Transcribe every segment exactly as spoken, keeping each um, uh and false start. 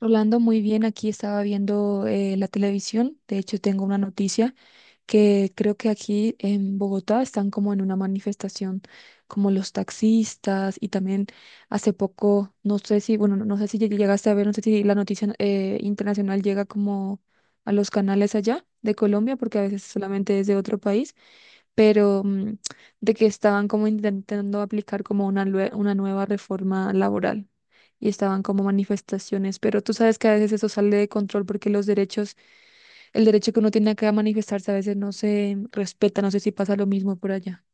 Rolando, muy bien, aquí estaba viendo eh, la televisión. De hecho, tengo una noticia que creo que aquí en Bogotá están como en una manifestación, como los taxistas y también hace poco, no sé si, bueno, no no sé si lleg- llegaste a ver, no sé si la noticia eh, internacional llega como a los canales allá de Colombia, porque a veces solamente es de otro país pero mm, de que estaban como intentando aplicar como una, lue- una nueva reforma laboral y estaban como manifestaciones, pero tú sabes que a veces eso sale de control porque los derechos, el derecho que uno tiene acá a manifestarse a veces no se respeta, no sé si pasa lo mismo por allá.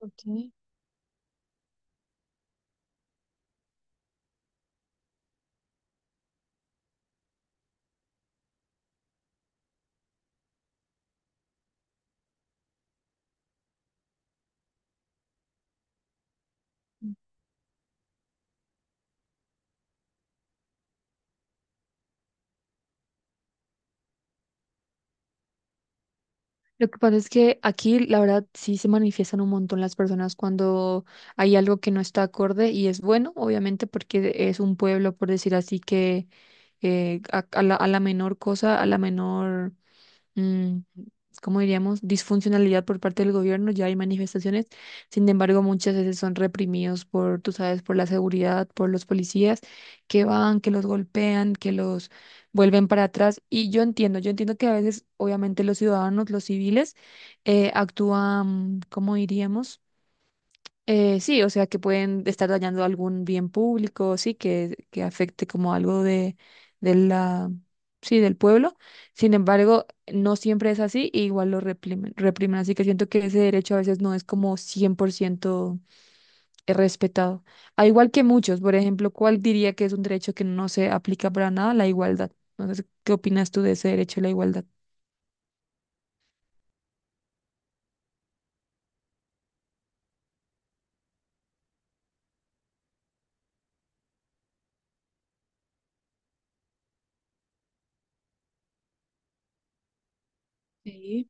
Okay. Lo que pasa es que aquí, la verdad, sí se manifiestan un montón las personas cuando hay algo que no está acorde y es bueno, obviamente, porque es un pueblo, por decir así, que eh, a, a la, a la menor cosa, a la menor, mm, como diríamos, disfuncionalidad por parte del gobierno, ya hay manifestaciones, sin embargo, muchas veces son reprimidos por, tú sabes, por la seguridad, por los policías que van, que los golpean, que los vuelven para atrás. Y yo entiendo, yo entiendo que a veces, obviamente, los ciudadanos, los civiles, eh, actúan, ¿como diríamos? Eh, sí, o sea, que pueden estar dañando algún bien público, sí, que, que afecte como algo de, de la, sí, del pueblo. Sin embargo, no siempre es así, y igual lo reprimen, reprimen. Así que siento que ese derecho a veces no es como cien por ciento respetado. Al igual que muchos, por ejemplo, ¿cuál diría que es un derecho que no se aplica para nada? La igualdad. Entonces, ¿qué opinas tú de ese derecho a la igualdad? Sí,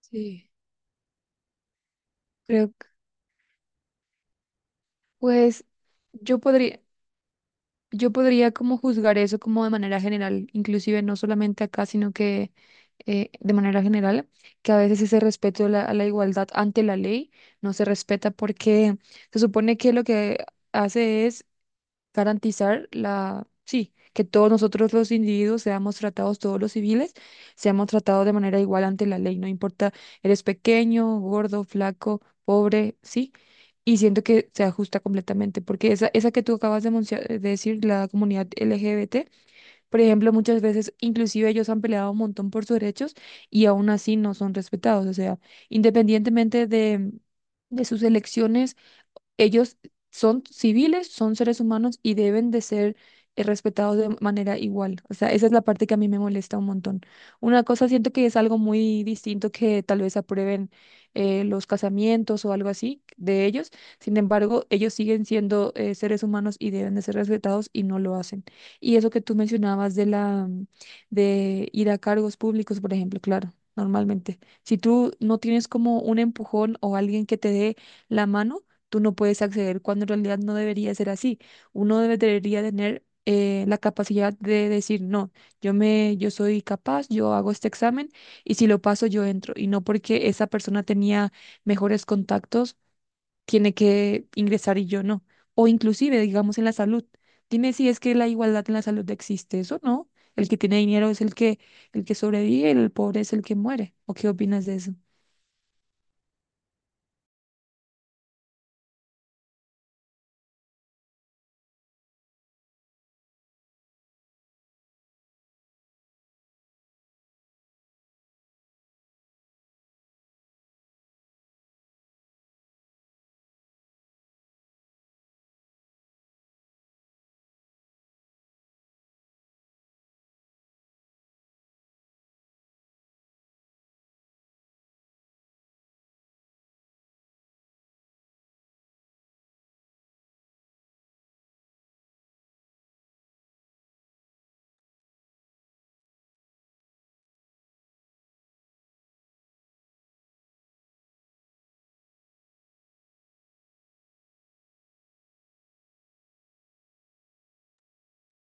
sí. Creo que, pues, yo podría. yo podría como juzgar eso como de manera general, inclusive no solamente acá, sino que eh, de manera general, que a veces ese respeto a la, a la igualdad ante la ley no se respeta porque se supone que lo que hace es garantizar la, sí, que todos nosotros los individuos seamos tratados, todos los civiles, seamos tratados de manera igual ante la ley, no importa, eres pequeño, gordo, flaco, pobre, sí, y siento que se ajusta completamente, porque esa, esa que tú acabas de, mencio- de decir, la comunidad L G B T, por ejemplo, muchas veces inclusive ellos han peleado un montón por sus derechos y aún así no son respetados, o sea, independientemente de... de sus elecciones, ellos son civiles, son seres humanos y deben de ser eh, respetados de manera igual. O sea, esa es la parte que a mí me molesta un montón. Una cosa siento que es algo muy distinto, que tal vez aprueben eh, los casamientos o algo así de ellos. Sin embargo, ellos siguen siendo eh, seres humanos y deben de ser respetados y no lo hacen. Y eso que tú mencionabas de la de ir a cargos públicos, por ejemplo, claro, normalmente. Si tú no tienes como un empujón o alguien que te dé la mano, tú no puedes acceder cuando en realidad no debería ser así. Uno debe- debería tener eh, la capacidad de decir, no, yo me, yo soy capaz, yo hago este examen y si lo paso yo entro. Y no porque esa persona tenía mejores contactos, tiene que ingresar y yo no. O inclusive, digamos, en la salud. Dime si es que la igualdad en la salud existe, ¿eso no? El que tiene dinero es el que, el que sobrevive, el pobre es el que muere. ¿O qué opinas de eso?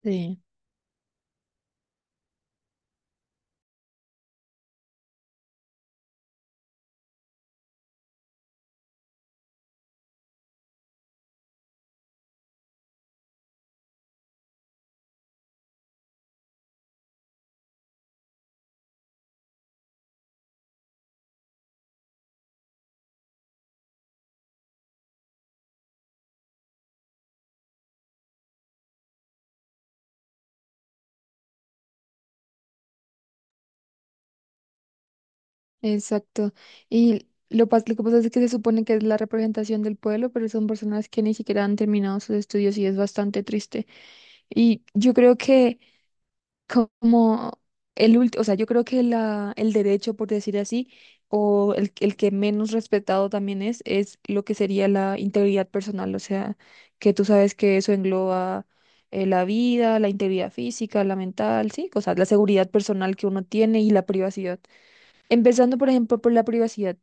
Sí. Exacto. Y lo, pas- lo que pasa es que se supone que es la representación del pueblo, pero son personas que ni siquiera han terminado sus estudios y es bastante triste. Y yo creo que como el último, o sea, yo creo que la, el derecho, por decir así, o el, el que menos respetado también es, es lo que sería la integridad personal, o sea, que tú sabes que eso engloba eh, la vida, la integridad física, la mental, sí, o sea, la seguridad personal que uno tiene y la privacidad. Empezando, por ejemplo, por la privacidad.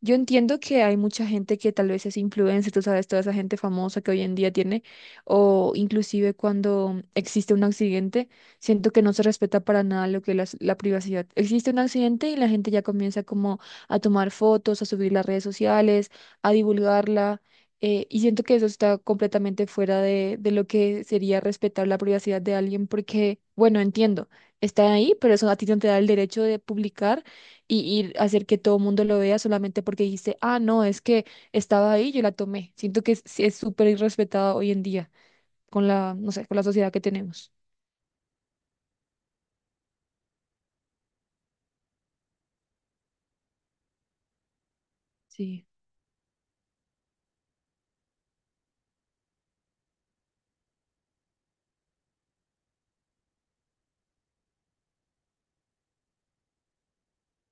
Yo entiendo que hay mucha gente que tal vez es influencer, tú sabes, toda esa gente famosa que hoy en día tiene, o inclusive cuando existe un accidente, siento que no se respeta para nada lo que es la privacidad. Existe un accidente y la gente ya comienza como a tomar fotos, a subir las redes sociales, a divulgarla, eh, y siento que eso está completamente fuera de, de lo que sería respetar la privacidad de alguien, porque, bueno, entiendo, está ahí, pero eso a ti no te da el derecho de publicar y, y hacer que todo el mundo lo vea solamente porque dijiste, ah, no, es que estaba ahí, yo la tomé. Siento que es sí es súper irrespetada hoy en día con la, no sé, con la sociedad que tenemos. Sí,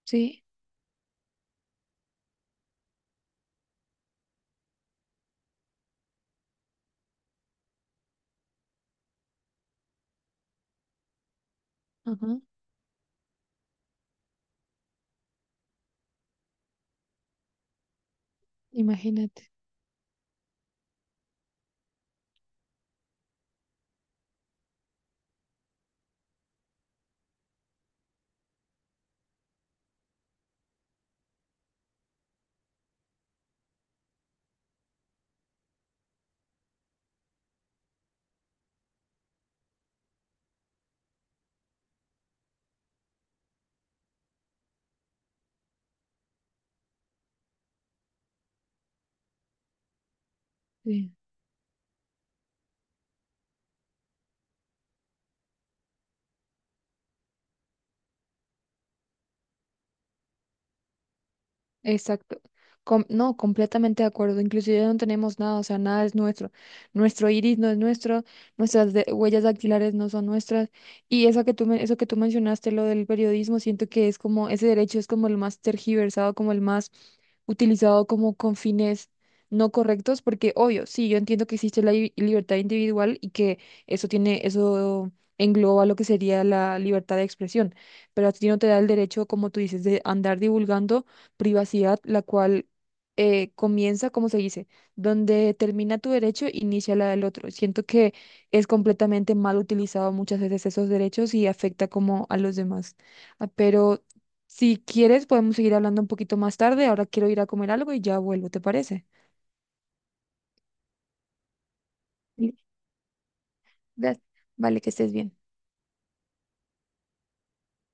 sí, ajá, imagínate. Sí. Exacto. Com- no, completamente de acuerdo. Inclusive no tenemos nada, o sea, nada es nuestro. Nuestro iris no es nuestro, nuestras de- huellas dactilares no son nuestras. Y eso que tú, men- eso que tú mencionaste, lo del periodismo, siento que es como, ese derecho es como el más tergiversado, como el más utilizado como con fines no correctos, porque obvio, sí, yo entiendo que existe la li- libertad individual y que eso tiene, eso engloba lo que sería la libertad de expresión, pero a ti no te da el derecho, como tú dices, de andar divulgando privacidad, la cual eh, comienza, como se dice, donde termina tu derecho, inicia la del otro. Siento que es completamente mal utilizado muchas veces esos derechos y afecta como a los demás. Ah, pero si quieres, podemos seguir hablando un poquito más tarde. Ahora quiero ir a comer algo y ya vuelvo, ¿te parece? Sí. Gracias. Vale, que estés bien.